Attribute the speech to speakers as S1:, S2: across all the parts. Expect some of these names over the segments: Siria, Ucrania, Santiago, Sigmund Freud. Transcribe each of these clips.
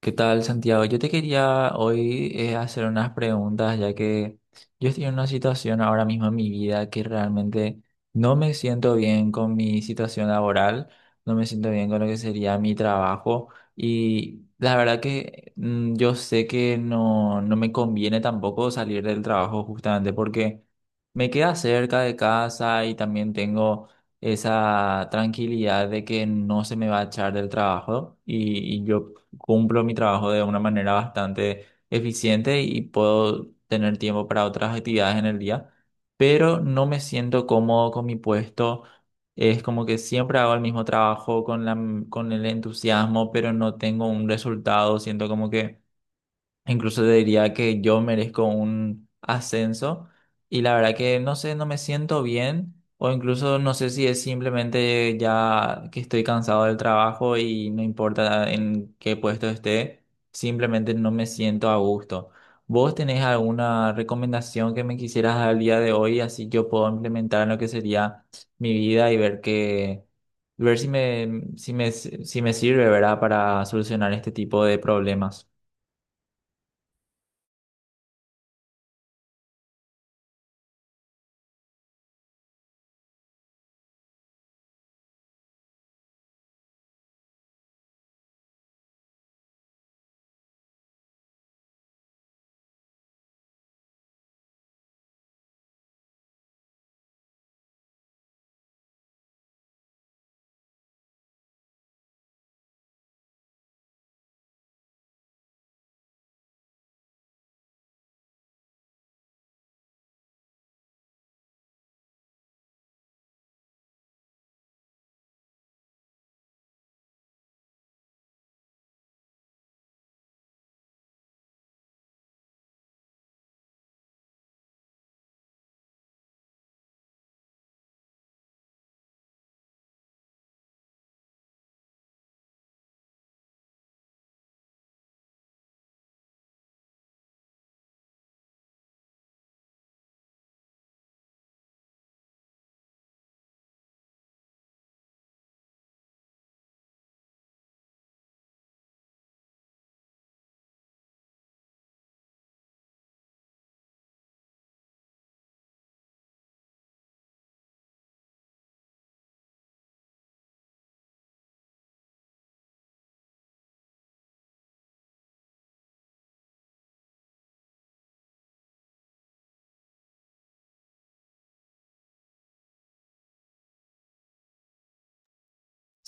S1: ¿Qué tal, Santiago? Yo te quería hoy hacer unas preguntas, ya que yo estoy en una situación ahora mismo en mi vida que realmente no me siento bien con mi situación laboral, no me siento bien con lo que sería mi trabajo. Y la verdad que yo sé que no, no me conviene tampoco salir del trabajo justamente porque me queda cerca de casa y también tengo esa tranquilidad de que no se me va a echar del trabajo, y yo cumplo mi trabajo de una manera bastante eficiente y puedo tener tiempo para otras actividades en el día, pero no me siento cómodo con mi puesto. Es como que siempre hago el mismo trabajo con con el entusiasmo, pero no tengo un resultado. Siento como que incluso te diría que yo merezco un ascenso. Y la verdad que no sé, no me siento bien, o incluso no sé si es simplemente ya que estoy cansado del trabajo y no importa en qué puesto esté, simplemente no me siento a gusto. ¿Vos tenés alguna recomendación que me quisieras dar al día de hoy, así yo puedo implementar en lo que sería mi vida y ver que ver si me sirve, ¿verdad?, para solucionar este tipo de problemas?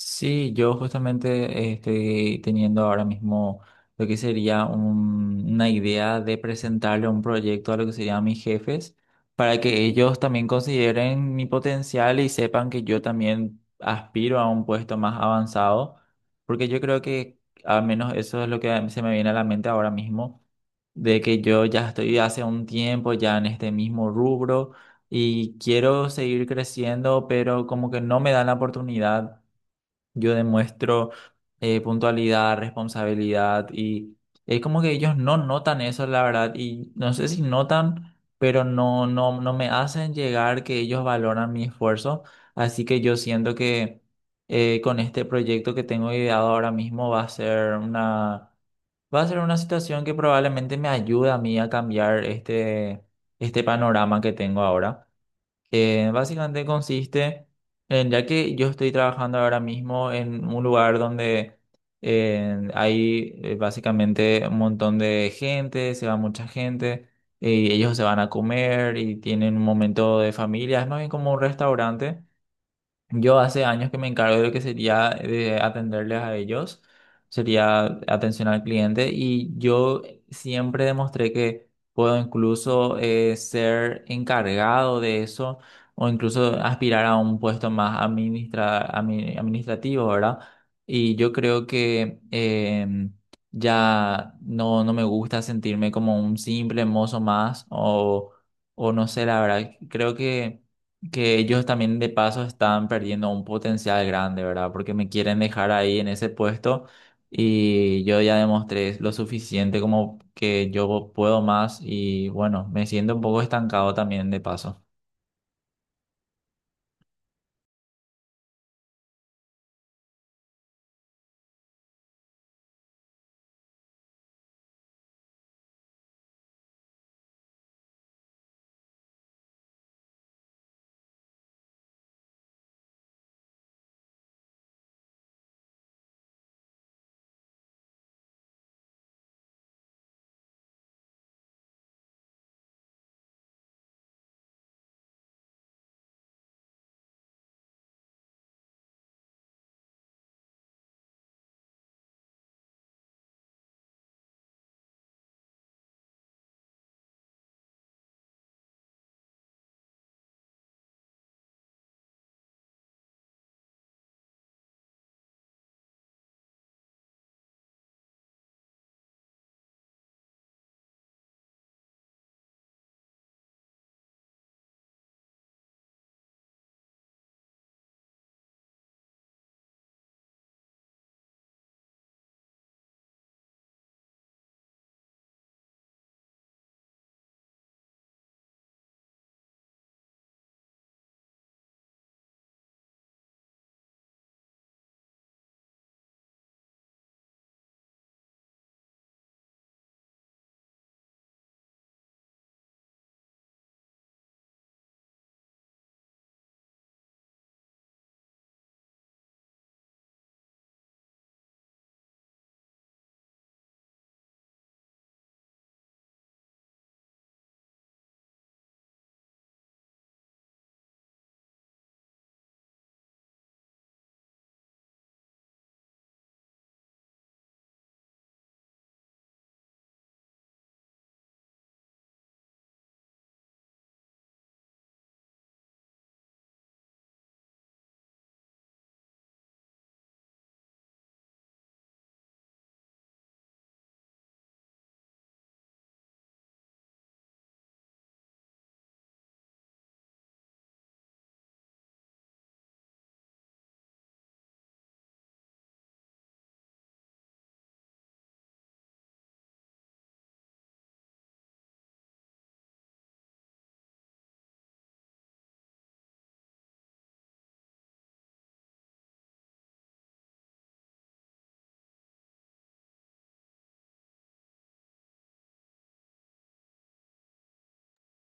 S1: Sí, yo justamente estoy teniendo ahora mismo lo que sería una idea de presentarle un proyecto a lo que serían mis jefes, para que ellos también consideren mi potencial y sepan que yo también aspiro a un puesto más avanzado, porque yo creo que al menos eso es lo que se me viene a la mente ahora mismo, de que yo ya estoy hace un tiempo ya en este mismo rubro y quiero seguir creciendo, pero como que no me dan la oportunidad. Yo demuestro puntualidad, responsabilidad, y es como que ellos no notan eso, la verdad, y no sé si notan, pero no, no, no me hacen llegar que ellos valoran mi esfuerzo, así que yo siento que, con este proyecto que tengo ideado ahora mismo, va a ser una situación que probablemente me ayude a mí a cambiar este panorama que tengo ahora, que básicamente consiste en, ya que yo estoy trabajando ahora mismo en un lugar donde, hay básicamente un montón de gente, se va mucha gente, y ellos se van a comer y tienen un momento de familia, es más bien como un restaurante. Yo hace años que me encargo de lo que sería de atenderles a ellos, sería atención al cliente, y yo siempre demostré que puedo incluso ser encargado de eso, o incluso aspirar a un puesto más administrativo, ¿verdad? Y yo creo que ya no, no me gusta sentirme como un simple mozo más, o no sé, la verdad, creo que ellos también de paso están perdiendo un potencial grande, ¿verdad? Porque me quieren dejar ahí en ese puesto y yo ya demostré lo suficiente como que yo puedo más y, bueno, me siento un poco estancado también de paso.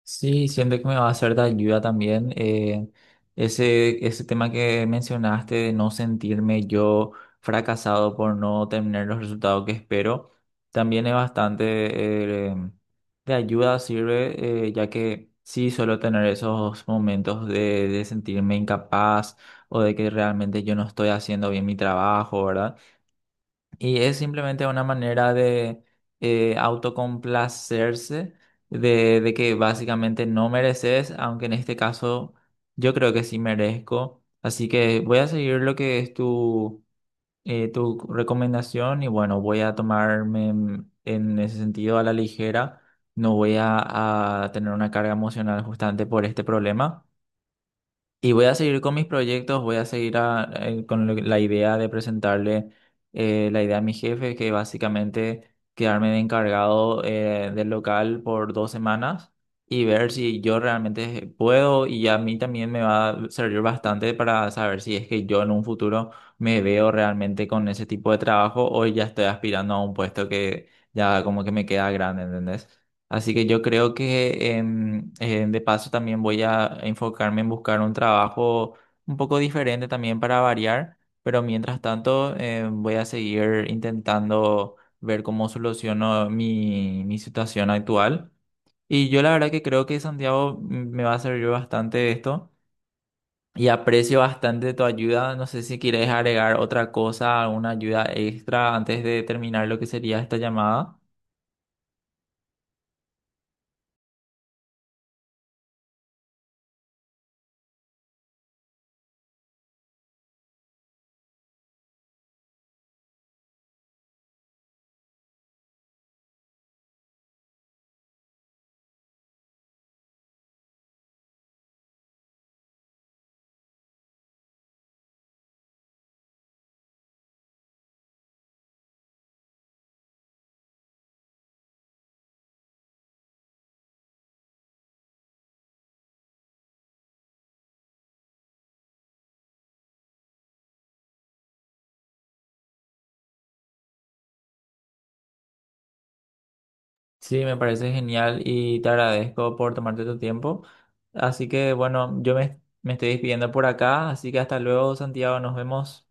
S1: Sí, siento que me va a ser de ayuda también ese tema que mencionaste, de no sentirme yo fracasado por no tener los resultados que espero. También es bastante, de ayuda, sirve, ya que sí suelo tener esos momentos de sentirme incapaz, o de que realmente yo no estoy haciendo bien mi trabajo, ¿verdad? Y es simplemente una manera de, autocomplacerse, de que básicamente no mereces, aunque en este caso yo creo que sí merezco. Así que voy a seguir lo que es tu recomendación y, bueno, voy a tomarme, en ese sentido, a la ligera. No voy a tener una carga emocional justamente por este problema. Y voy a seguir con mis proyectos, voy a seguir la idea de presentarle, la idea a mi jefe, que básicamente quedarme de encargado del local por 2 semanas, y ver si yo realmente puedo, y a mí también me va a servir bastante para saber si es que yo en un futuro me veo realmente con ese tipo de trabajo, o ya estoy aspirando a un puesto que ya como que me queda grande, ¿entendés? Así que yo creo que, de paso, también voy a enfocarme en buscar un trabajo un poco diferente también para variar, pero mientras tanto voy a seguir intentando ver cómo soluciono mi situación actual. Y yo, la verdad, que creo que, Santiago, me va a servir bastante esto, y aprecio bastante tu ayuda. No sé si quieres agregar otra cosa, alguna ayuda extra antes de terminar lo que sería esta llamada. Sí, me parece genial y te agradezco por tomarte tu tiempo. Así que bueno, yo me estoy despidiendo por acá, así que hasta luego, Santiago, nos vemos.